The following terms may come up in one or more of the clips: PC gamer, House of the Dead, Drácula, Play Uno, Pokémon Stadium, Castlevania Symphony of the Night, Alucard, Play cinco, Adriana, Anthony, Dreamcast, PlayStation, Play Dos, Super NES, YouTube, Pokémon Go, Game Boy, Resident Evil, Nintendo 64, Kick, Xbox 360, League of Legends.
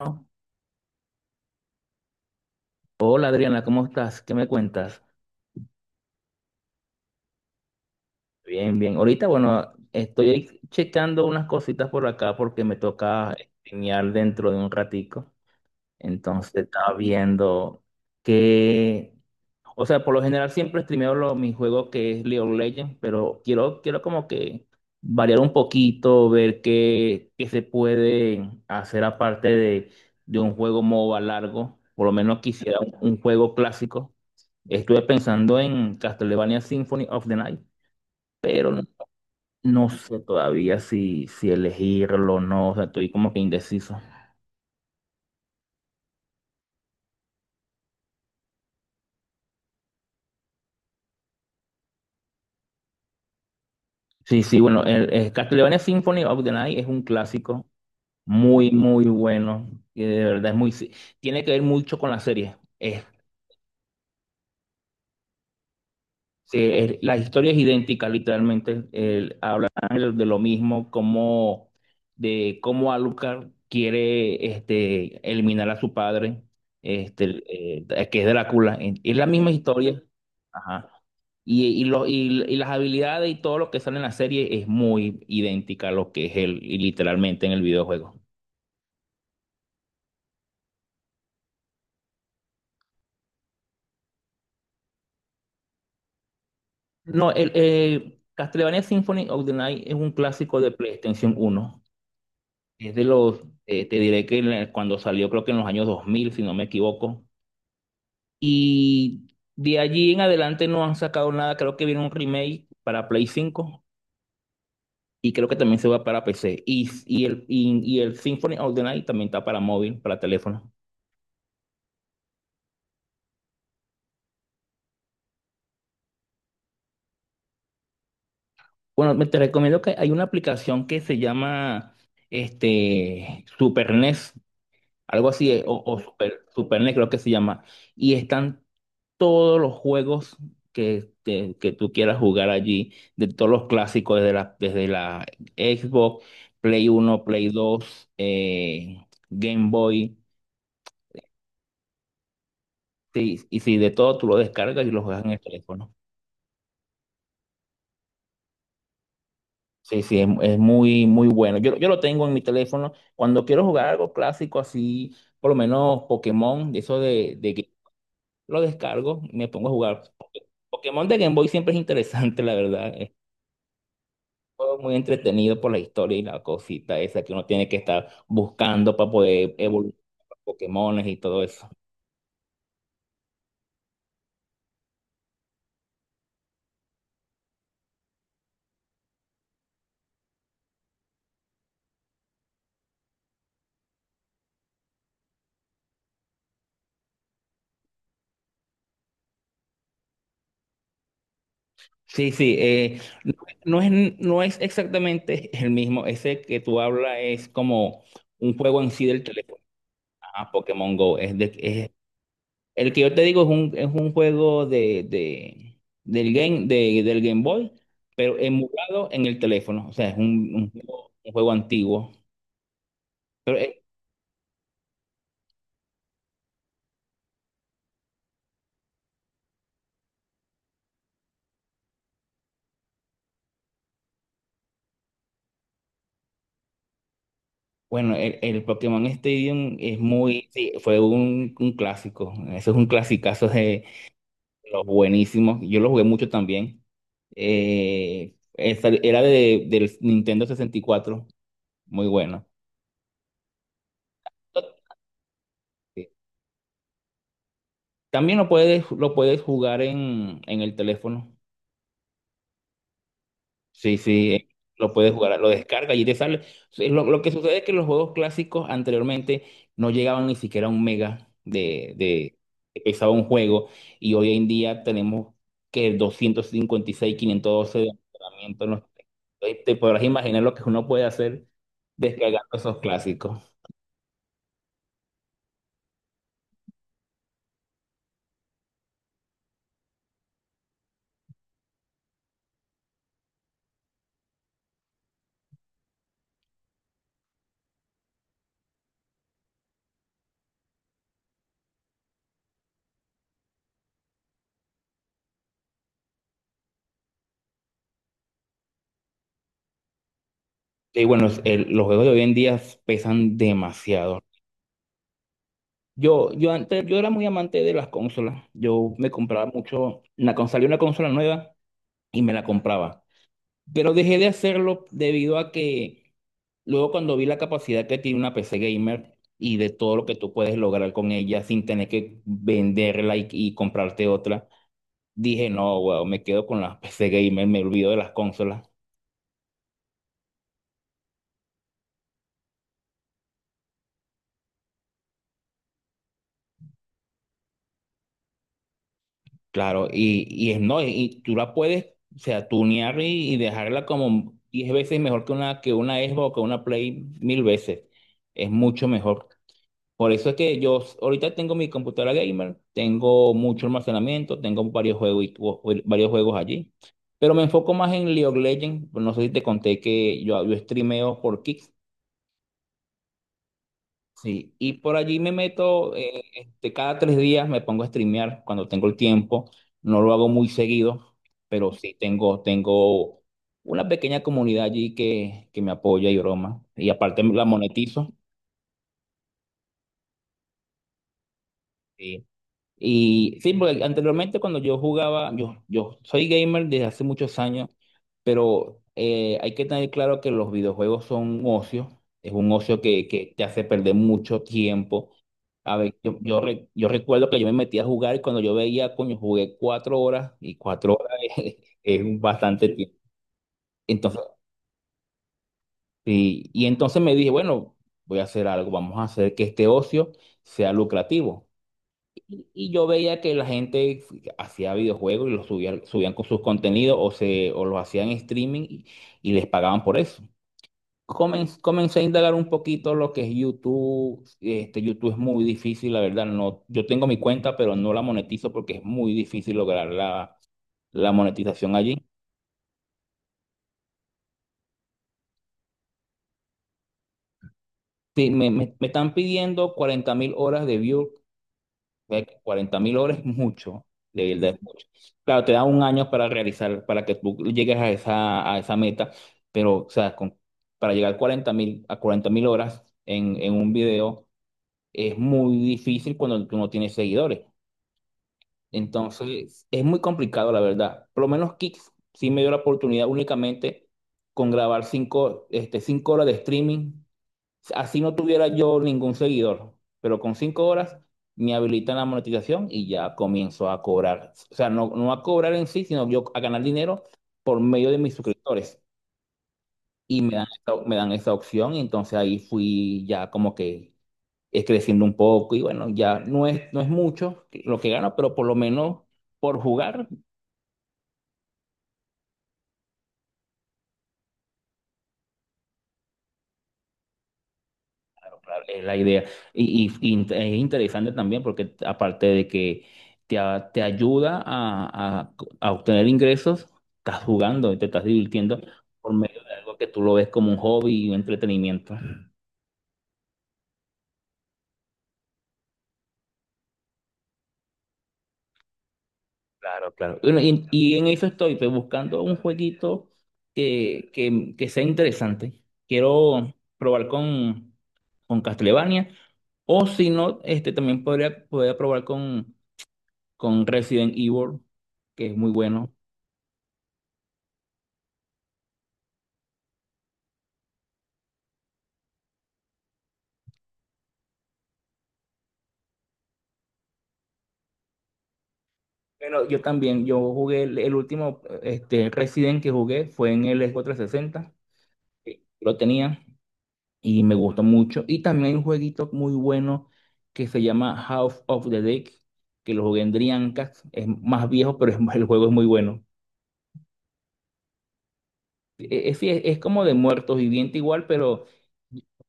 No. Hola Adriana, ¿cómo estás? ¿Qué me cuentas? Bien, bien. Ahorita, bueno, estoy checando unas cositas por acá porque me toca streamear dentro de un ratico. Entonces estaba viendo que, o sea, por lo general siempre streameo mi juego, que es League of Legends, pero quiero como que variar un poquito, ver qué, qué se puede hacer aparte de un juego MOBA largo. Por lo menos quisiera un juego clásico. Estuve pensando en Castlevania Symphony of the Night, pero no, no sé todavía si elegirlo o no, o sea, estoy como que indeciso. Sí, sí, bueno, el Castlevania Symphony of the Night es un clásico muy, muy bueno, y de verdad es muy, sí, tiene que ver mucho con la serie. Es Sí, la historia es idéntica, literalmente. Hablan de lo mismo, como de cómo Alucard quiere eliminar a su padre, este, que es Drácula. Es la misma historia. Ajá. Y las habilidades y todo lo que sale en la serie es muy idéntica a lo que es él, y literalmente en el videojuego. No, Castlevania Symphony of the Night es un clásico de PlayStation 1. Es de los, te diré que en cuando salió, creo que en los años 2000, si no me equivoco. Y de allí en adelante no han sacado nada. Creo que viene un remake para Play 5, y creo que también se va para PC. Y el Symphony of the Night también está para móvil, para teléfono. Bueno, te recomiendo que hay una aplicación que se llama Super NES, algo así, o Super NES, creo que se llama. Y están todos los juegos que tú quieras jugar allí, de todos los clásicos, desde la Xbox, Play 1, Play 2, Game Boy, sí, y sí, de todo tú lo descargas y lo juegas en el teléfono. Sí, sí, es muy, muy bueno. Yo lo tengo en mi teléfono. Cuando quiero jugar algo clásico así, por lo menos Pokémon, de eso de que lo descargo, y me pongo a jugar. Pokémon de Game Boy siempre es interesante, la verdad. Todo muy entretenido por la historia y la cosita esa que uno tiene que estar buscando para poder evolucionar los Pokémones y todo eso. Sí, sí, no, no es exactamente el mismo. Ese que tú hablas es como un juego en sí del teléfono. Ah, Pokémon Go. El que yo te digo es un juego del Game Boy, pero emulado en el teléfono. O sea, es un juego antiguo. Pero es Bueno, el Pokémon Stadium es muy, sí, fue un clásico. Eso es un clasicazo de los buenísimos. Yo lo jugué mucho también. Era del Nintendo 64, muy bueno. Sí. También lo puedes jugar en el teléfono. Sí, sí, lo puedes jugar, lo descargas y te sale. Sí. Lo que sucede es que los juegos clásicos anteriormente no llegaban ni siquiera a un mega de pesado un juego, y hoy en día tenemos que 256, 512 de almacenamiento. No sé. Entonces, te podrás imaginar lo que uno puede hacer descargando esos clásicos. Y bueno, los juegos de hoy en día pesan demasiado. Yo antes, yo era muy amante de las consolas. Yo me compraba mucho, una, cuando salió una consola nueva, y me la compraba. Pero dejé de hacerlo debido a que luego, cuando vi la capacidad que tiene una PC gamer y de todo lo que tú puedes lograr con ella sin tener que venderla y comprarte otra, dije, no, weón, me quedo con la PC gamer, me olvido de las consolas. Claro, y es no, y tú la puedes, o sea, tunear, y dejarla como 10 veces mejor que una Xbox, o que una Play mil veces. Es mucho mejor. Por eso es que yo ahorita tengo mi computadora gamer, tengo mucho almacenamiento, tengo varios juegos, varios juegos allí. Pero me enfoco más en League of Legends. No sé si te conté que yo streameo por Kick. Sí, y por allí me meto, cada 3 días me pongo a streamear cuando tengo el tiempo. No lo hago muy seguido, pero sí tengo una pequeña comunidad allí que me apoya y broma. Y aparte la monetizo. Sí. Y sí, porque anteriormente, cuando yo jugaba, yo soy gamer desde hace muchos años, pero hay que tener claro que los videojuegos son un ocio, es un ocio que te hace perder mucho tiempo. A ver, yo recuerdo que yo me metí a jugar y, cuando yo veía, coño, jugué 4 horas, y 4 horas es un bastante tiempo. Entonces, me dije, bueno, voy a hacer algo, vamos a hacer que este ocio sea lucrativo. Y yo veía que la gente hacía videojuegos y subían con sus contenidos, o los hacían en streaming, y les pagaban por eso. Comencé a indagar un poquito lo que es YouTube. YouTube es muy difícil, la verdad. No, yo tengo mi cuenta, pero no la monetizo porque es muy difícil lograr la monetización allí. Sí, me están pidiendo 40.000 horas de views. Ve que 40 mil horas es mucho, de verdad es mucho. Claro, te da un año para realizar, para que tú llegues a esa meta, pero, o sea, para llegar a 40 mil horas en un video es muy difícil cuando tú no tienes seguidores. Entonces, es muy complicado, la verdad. Por lo menos Kicks sí me dio la oportunidad únicamente con grabar 5 horas de streaming. Así no tuviera yo ningún seguidor, pero con 5 horas me habilitan la monetización y ya comienzo a cobrar. O sea, no a cobrar en sí, sino yo a ganar dinero por medio de mis suscriptores. Y me dan, me dan esa opción, y entonces ahí fui ya como que creciendo un poco y, bueno, ya no es mucho lo que gano, pero por lo menos por jugar. Es la idea. Y es interesante también porque, aparte de que te ayuda a, a obtener ingresos, estás jugando y te estás divirtiendo por medio de algo que tú lo ves como un hobby y un entretenimiento. Claro, claro. Bueno, y en eso estoy, pues, buscando un jueguito que sea interesante. Quiero probar con Castlevania o, si no, también podría probar con Resident Evil, que es muy bueno. Bueno, yo también, yo jugué el último Resident que jugué fue en el Xbox 360, que lo tenía y me gustó mucho. Y también hay un jueguito muy bueno que se llama House of the Dead, que lo jugué en Dreamcast, es más viejo, pero el juego es muy bueno. Sí, es como de muertos viviente igual, pero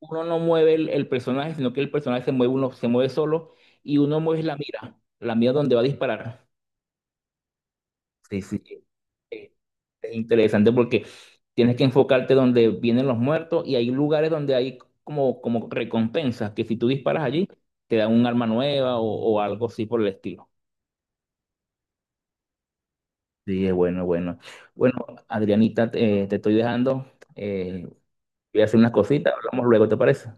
uno no mueve el personaje, sino que el personaje se mueve, uno se mueve solo, y uno mueve la mira donde va a disparar. Sí, sí, interesante porque tienes que enfocarte donde vienen los muertos, y hay lugares donde hay como recompensas que, si tú disparas allí, te dan un arma nueva, o algo así por el estilo. Sí, es bueno, es bueno. Bueno, Adrianita, te estoy dejando. eh, Voy a hacer unas cositas, hablamos luego, ¿te parece?